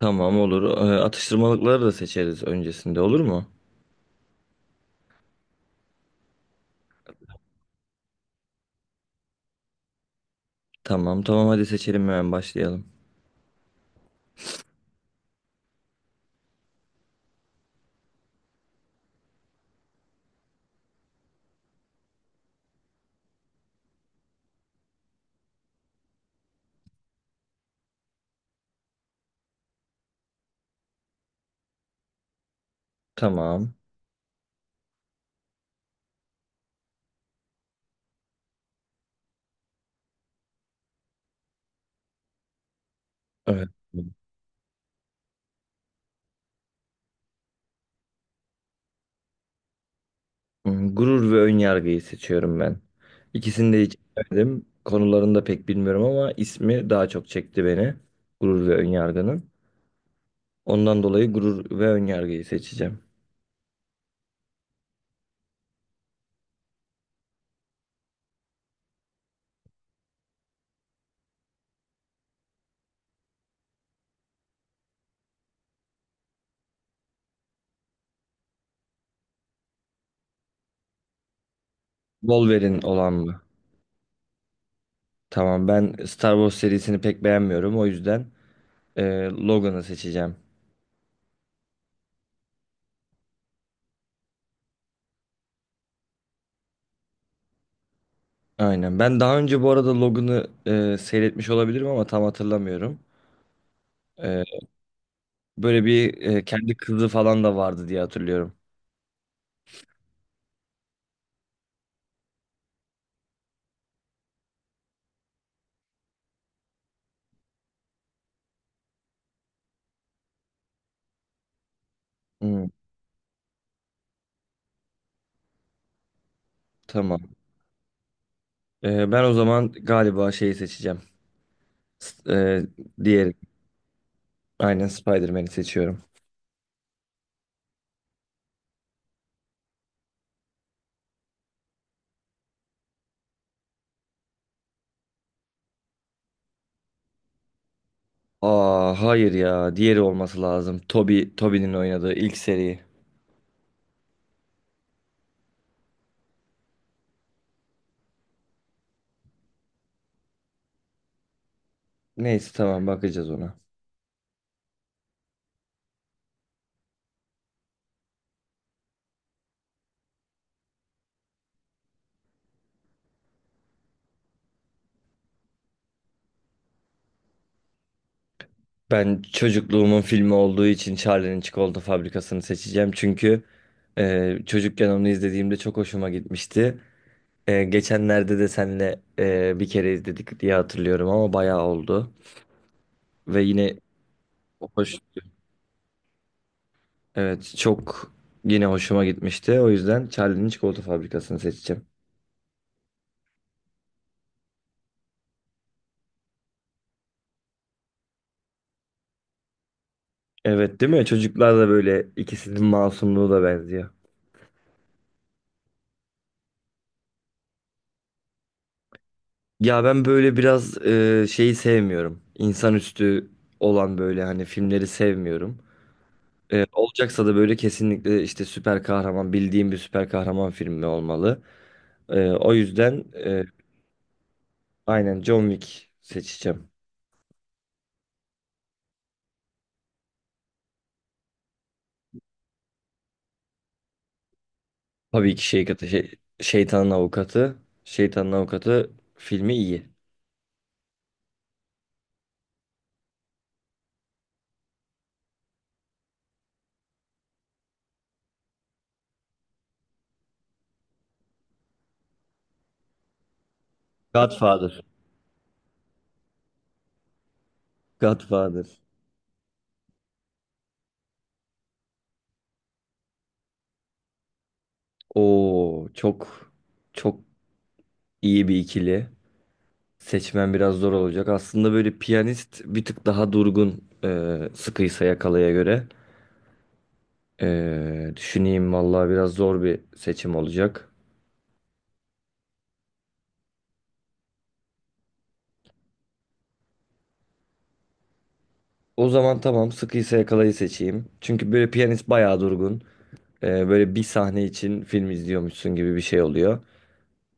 Tamam, olur. Atıştırmalıkları da seçeriz öncesinde, olur mu? Tamam, hadi seçelim, hemen başlayalım. Tamam. Evet. Gurur ve Önyargı'yı seçiyorum ben. İkisini de hiç bilmedim. Konularını da pek bilmiyorum ama ismi daha çok çekti beni. Gurur ve Önyargı'nın. Ondan dolayı Gurur ve Önyargı'yı seçeceğim. Wolverine olan mı? Tamam, ben Star Wars serisini pek beğenmiyorum. O yüzden e, Logan'ı seçeceğim. Aynen. Ben daha önce bu arada Logan'ı seyretmiş olabilirim ama tam hatırlamıyorum. E, Böyle bir kendi kızı falan da vardı diye hatırlıyorum. Hmm, tamam. Ben o zaman galiba şeyi seçeceğim. S- E, Diğeri. Aynen, Spider-Man'i seçiyorum. Aa hayır ya. Diğeri olması lazım. Toby'nin oynadığı ilk seri. Neyse tamam, bakacağız ona. Ben çocukluğumun filmi olduğu için Charlie'nin Çikolata Fabrikası'nı seçeceğim. Çünkü çocukken onu izlediğimde çok hoşuma gitmişti. Geçenlerde de senle bir kere izledik diye hatırlıyorum ama bayağı oldu. Ve yine hoş. Evet, çok yine hoşuma gitmişti. O yüzden Charlie'nin Çikolata Fabrikası'nı seçeceğim. Evet değil mi? Çocuklar da böyle, ikisinin masumluğu da benziyor. Ya ben böyle biraz şeyi sevmiyorum. İnsanüstü olan böyle hani filmleri sevmiyorum. Olacaksa da böyle kesinlikle işte süper kahraman, bildiğim bir süper kahraman filmi olmalı. O yüzden aynen John Wick seçeceğim. Tabii ki Şeytanın Avukatı. Şeytanın Avukatı filmi iyi. Godfather. Godfather. Oo, çok iyi bir ikili. Seçmen biraz zor olacak. Aslında böyle Piyanist bir tık daha durgun Sıkıysa Yakala'ya göre. Düşüneyim vallahi, biraz zor bir seçim olacak. O zaman tamam, Sıkıysa Yakala'yı seçeyim. Çünkü böyle Piyanist bayağı durgun. Böyle bir sahne için film izliyormuşsun gibi bir şey oluyor.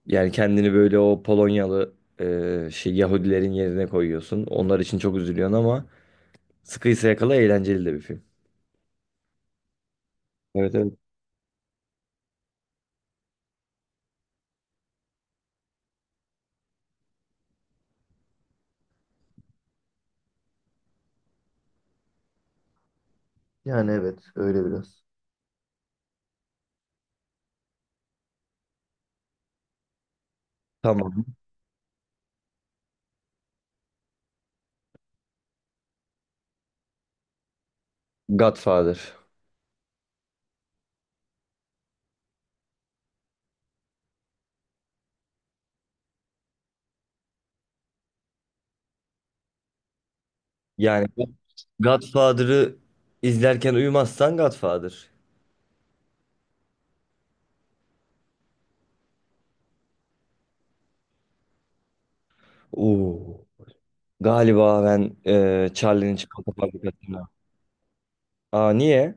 Yani kendini böyle o Polonyalı Yahudilerin yerine koyuyorsun. Onlar için çok üzülüyorsun ama Sıkıysa Yakala eğlenceli de bir film. Evet, evet. Yani evet, öyle biraz. Tamam. Godfather. Yani bu Godfather'ı izlerken uyumazsan Godfather. Oo. Galiba ben Charlie'nin Çikolata Fabrikası'na. Aa niye?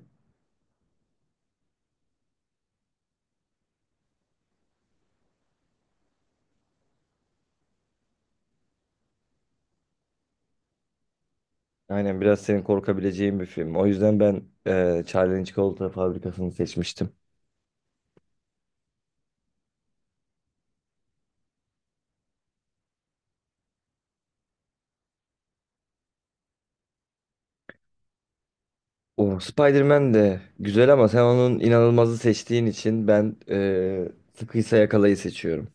Aynen, biraz senin korkabileceğin bir film. O yüzden ben Charlie'nin Çikolata Fabrikası'nı seçmiştim. O Spider-Man de güzel ama sen onun inanılmazı seçtiğin için ben Sıkıysa Yakala'yı seçiyorum.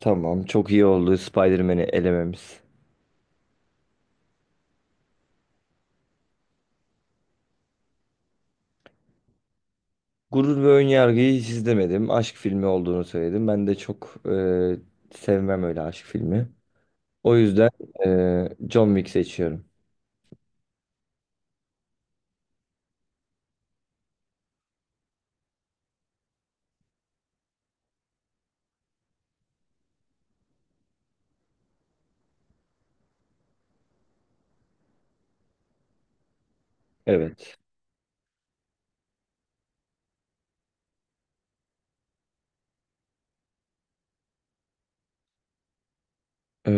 Tamam, çok iyi oldu Spider-Man'i elememiz. Gurur ve Önyargı'yı hiç izlemedim. Aşk filmi olduğunu söyledim. Ben de çok sevmem öyle aşk filmi. O yüzden John Wick seçiyorum. Evet. Ee,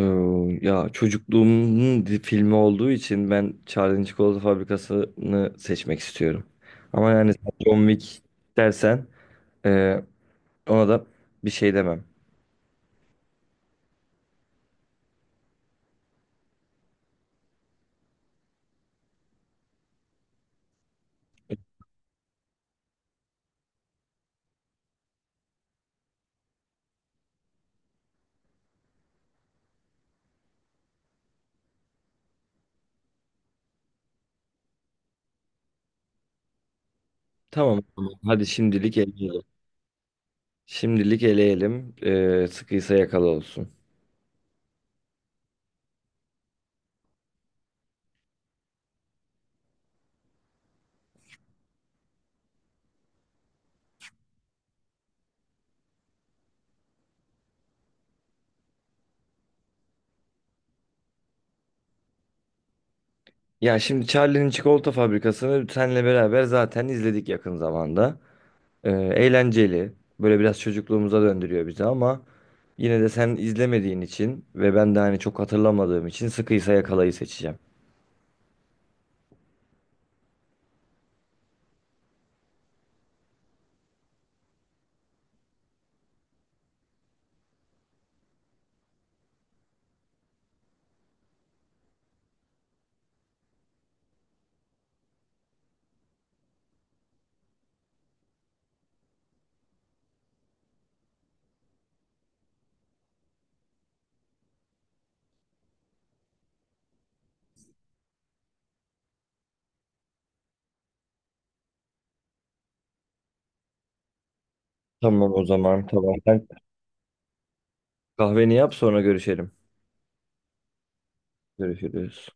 Ya çocukluğumun filmi olduğu için ben Charlie'nin Çikolata Fabrikası'nı seçmek istiyorum. Ama yani sen John Wick dersen, e, ona da bir şey demem. Tamam, tamam. Hadi şimdilik eleyelim. Şimdilik eleyelim. Sıkıysa yakalı olsun. Ya şimdi Charlie'nin Çikolata Fabrikası'nı senle beraber zaten izledik yakın zamanda. Eğlenceli. Böyle biraz çocukluğumuza döndürüyor bizi ama yine de sen izlemediğin için ve ben de hani çok hatırlamadığım için Sıkıysa Yakala'yı seçeceğim. Tamam, o zaman tamam. Sen kahveni yap, sonra görüşelim. Görüşürüz.